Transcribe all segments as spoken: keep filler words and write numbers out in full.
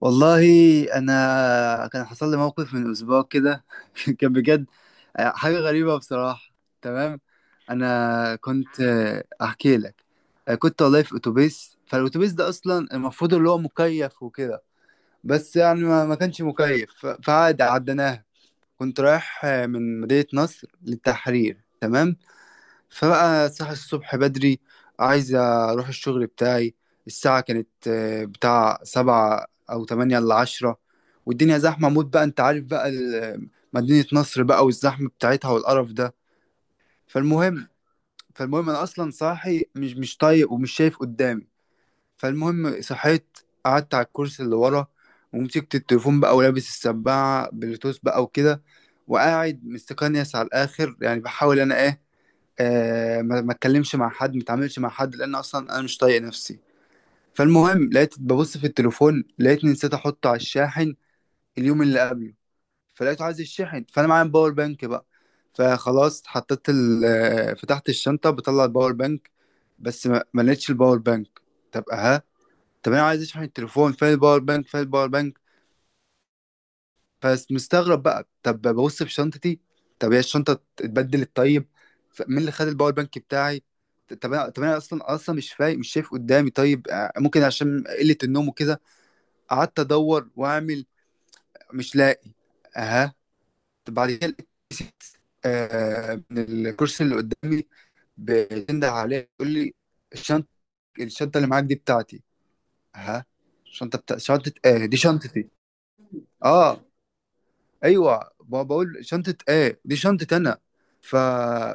والله، انا كان حصل لي موقف من اسبوع كده. كان بجد. آه، حاجه غريبه بصراحه. تمام. انا كنت آه، احكي لك. آه، كنت والله في اتوبيس. فالاتوبيس ده اصلا المفروض اللي هو مكيف وكده. بس يعني ما ما كانش مكيف. ف- فعادي عديناها. كنت رايح آه، من مدينه نصر للتحرير. تمام. فبقى صاحي الصبح بدري، عايز أروح الشغل بتاعي. الساعة كانت آه، بتاع سبعة أو تمانية إلا عشرة. والدنيا زحمة موت بقى، أنت عارف بقى ال- مدينة نصر بقى، والزحمة بتاعتها والقرف ده. فالمهم فالمهم، أنا أصلا صاحي، مش مش طايق ومش شايف قدامي. فالمهم صحيت، قعدت على الكرسي اللي ورا، ومسكت التليفون بقى، ولابس السماعة بلوتوث بقى وكده، وقاعد مستكنيس على الآخر، يعني بحاول أنا إيه، آه ما ما اتكلمش مع حد، ما اتعاملش مع حد، لان اصلا انا مش طايق نفسي. فالمهم لقيت ببص في التليفون، لقيتني نسيت احطه على الشاحن اليوم اللي قبله. فلقيته عايز الشحن، فانا معايا باور بانك بقى. فخلاص حطيت ال آه، فتحت الشنطه بطلع الباور بانك. بس ما ما لقيتش الباور بانك. طب ها، طب انا عايز اشحن التليفون، فين الباور بانك، فين الباور بانك؟ فمستغرب بقى، طب ببص في شنطتي. طب هي الشنطه اتبدلت؟ طيب، ف- مين اللي خد الباور بانك بتاعي؟ طب انا طب انا اصلا اصلا مش فايق، مش شايف قدامي. طيب آه، ممكن عشان قله النوم وكده. قعدت ادور واعمل، مش لاقي. اها، طب بعد كده لقيت، آه من الكرسي اللي قدامي بتنده عليه، يقول لي: الشنطه، الشنطه اللي معاك دي بتاعتي. اها، شنطه؟ بتاع شنطه، آه دي شنطتي. اه، ايوه، ما بقول شنطه؟ ايه دي شنطه انا. ف...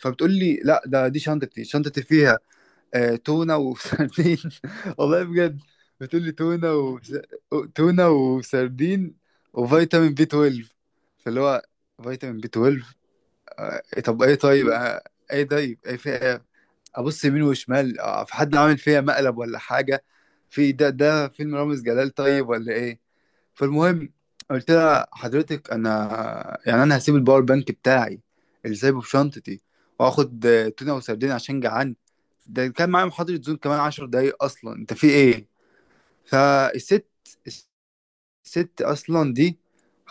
فبتقول لي لا، ده دي شنطتي. شنطتي فيها آه تونه وسردين. والله بجد، بتقول لي تونه و... تونه وسردين وفيتامين بي اتناشر. فاللي هو فيتامين بي اتناشر. آه طب ايه؟ طيب آه ايه؟ طيب ايه في ايه؟ ابص يمين وشمال، آه في حد عامل فيها مقلب ولا حاجه؟ في ده ده فيلم رامز جلال طيب ولا ايه؟ فالمهم قلت لها: حضرتك انا، يعني انا هسيب الباور بانك بتاعي اللي سايبه في شنطتي، واخد آه، تونه وسردين عشان جعان؟ ده كان معايا محاضرة زوم كمان عشر دقايق، اصلا انت في ايه؟ فالست الست اصلا دي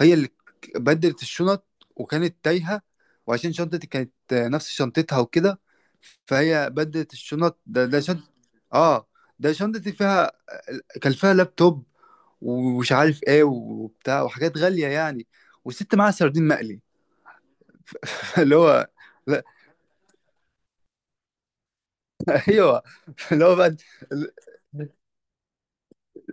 هي اللي ك- بدلت الشنط، وكانت تايهه، وعشان شنطتي كانت آه، نفس شنطتها وكده. فهي بدلت الشنط. ده ده شنط، اه، ده شنطتي فيها، كان فيها لابتوب ومش عارف ايه وبتاع وحاجات غاليه يعني، والست معاها سردين مقلي. اللي هو لا، ايوه، اللي هو بقى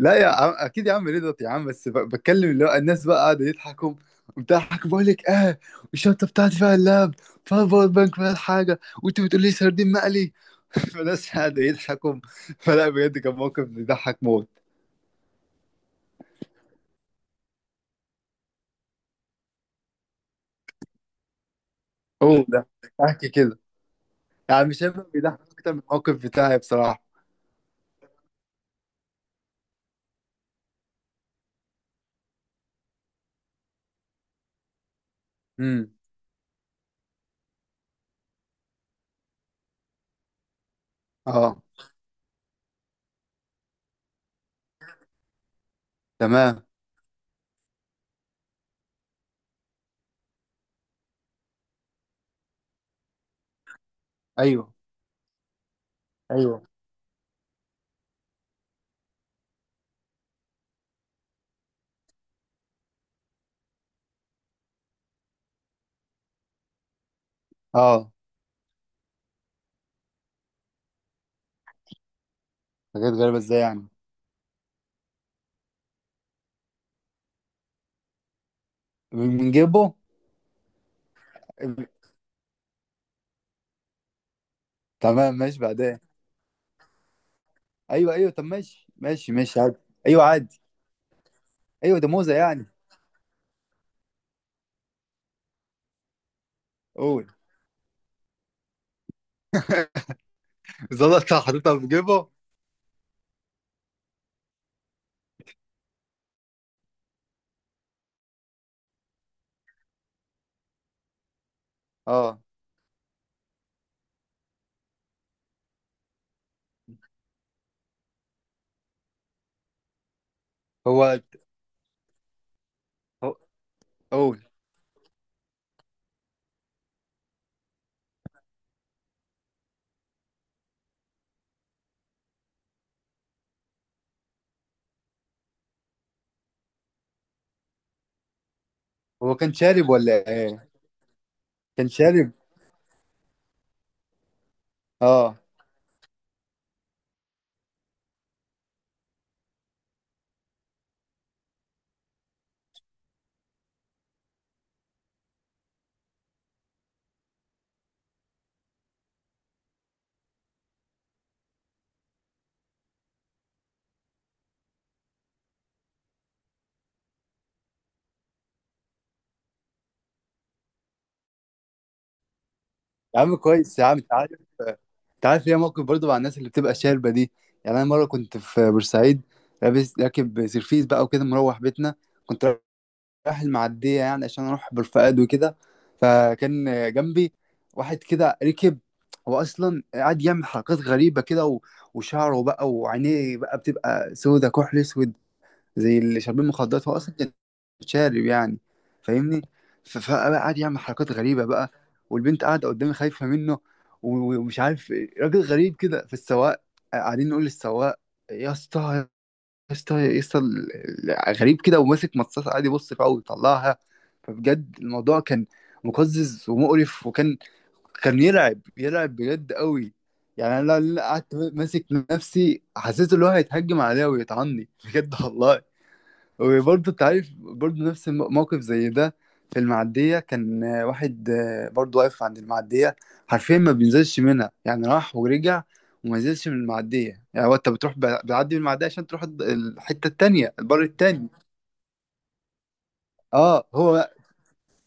لا يا عم، اكيد يا عم رضا يا عم، بس ب- بتكلم، اللي هو الناس بقى قاعده يضحكوا، بتضحك، بقول لك اه الشنطه بتاعتي فيها اللاب، فيها الباور بانك، فيها الحاجه، وانت بتقول لي سردين مقلي؟ فالناس قاعده يضحكوا. فلا بجد كان موقف بيضحك موت. هو ده، احكي كده، يعني مش هيبقى بيضحك اكتر من الموقف بتاعي بصراحه. امم. اه، تمام. ايوه، ايوه، اه. حاجات غريبه ازاي يعني؟ من من جيبه؟ تمام، ماشي، بعدين. ايوه، ايوه، طب ماشي، ماشي، ماشي، عادي. ايوه عادي. ايوه، ده موزه يعني. قول. زلط حاططها في جيبه؟ اه. هو هو- قول. هو كان شارب ولا ايه؟ كان شارب؟ اه. يا عم كويس يا عم، انت عارف، انت عارف ليا موقف برضه مع الناس اللي بتبقى شاربه دي. يعني انا مره كنت في بورسعيد، لابس راكب سيرفيس بقى وكده، مروح بيتنا. كنت رايح المعدية، يعني عشان أروح بالفؤاد وكده. فكان جنبي واحد كده ركب، هو أصلا قاعد يعمل حركات غريبة كده، و- وشعره بقى وعينيه بقى بتبقى سودة كحل أسود، زي اللي شاربين مخدرات. هو أصلا كان شارب يعني، فاهمني؟ ف- فبقى قاعد يعمل حركات غريبة بقى، والبنت قاعدة قدامي خايفة منه، و- ومش عارف إيه. راجل غريب كده. في السواق، قاعدين نقول للسواق: يا اسطى، يسطا يسطا، ال- ال- غريب كده، وماسك مصاصة قاعد يبص فيها ويطلعها. فبجد الموضوع كان مقزز ومقرف، وكان كان يرعب، يرعب بجد قوي. يعني انا لو- لو قعدت ماسك نفسي، حسيت ان هو هيتهجم عليا ويطعني بجد والله. وبرضه انت عارف، برضه نفس الم- موقف زي ده. في المعدية كان آه، واحد آه، برضه واقف عند المعدية. حرفيا ما بينزلش منها، يعني راح ورجع وما نزلش من المعدية. يعني هو، انت بتروح، ب- بتعدي من المعدية عشان تروح الد- الحتة التانية، البر التاني. اه هو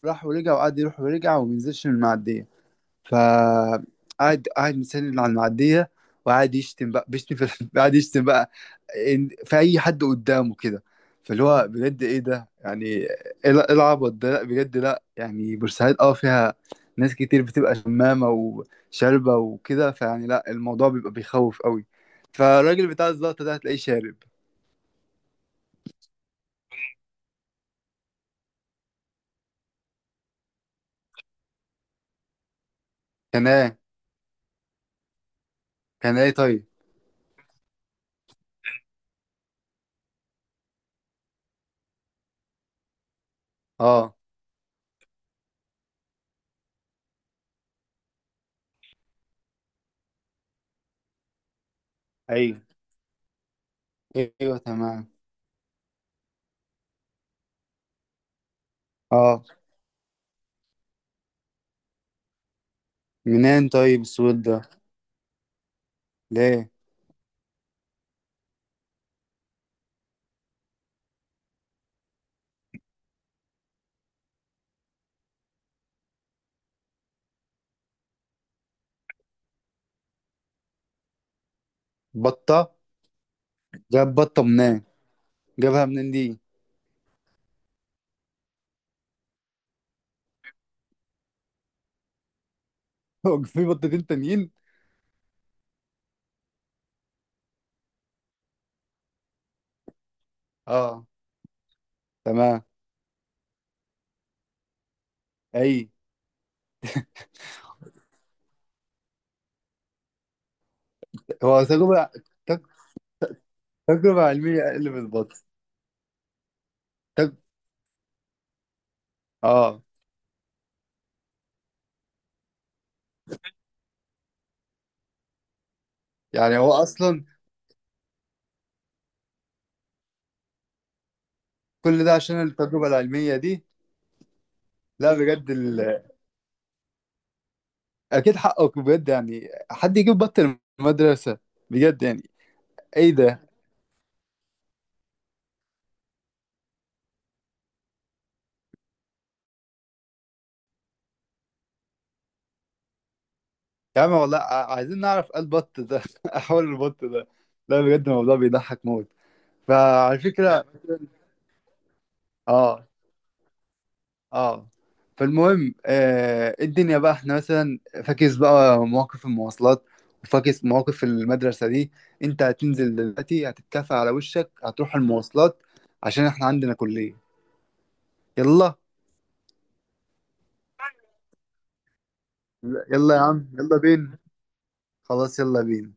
راح ورجع وقعد يروح ورجع وما نزلش من المعدية، فقعد قاعد مستني على المعديه. وقعد يشتم بقى، بيشتم في قاعد يشتم بقى إن- في اي حد قدامه كده. فاللي هو بجد ايه ده؟ يعني ايه ال- إيه العبط ده؟ لا بجد، لا يعني، بورسعيد اه فيها ناس كتير بتبقى شمامه وشاربه وكده، فيعني لا الموضوع بيبقى بيخوف قوي. فالراجل بتاع الزلطه ده هتلاقيه شارب. كان ايه؟ كان ايه طيب؟ اه، ايوه، ايوه، تمام، اه. منين طيب السود ده؟ ليه؟ بطه؟ جاب بطة منين؟ جابها منين دي؟ هو في بطتين تانيين؟ اه، تمام. اي، هو تجربة، تج- تجربة علمية اقل من البط؟ تج... اه. يعني هو اصلا كل ده عشان التجربة العلمية دي؟ لا بجد ال... اكيد حقك بجد، يعني حد يجيب بط المدرسة؟ بجد يعني، ايه ده؟ يا عم والله، ع- عايزين نعرف ايه البط ده. احول البط ده. لا بجد الموضوع بيضحك موت. فعلى فكرة، اه، اه، فالمهم آه الدنيا بقى احنا مثلا فاكس بقى مواقف المواصلات، وفاكس مواقف المدرسة دي. انت هتنزل دلوقتي، هتتكافئ على وشك، هتروح المواصلات، عشان احنا عندنا كلية. يلا، يلا يا عم، يلا بينا. خلاص، يلا بينا.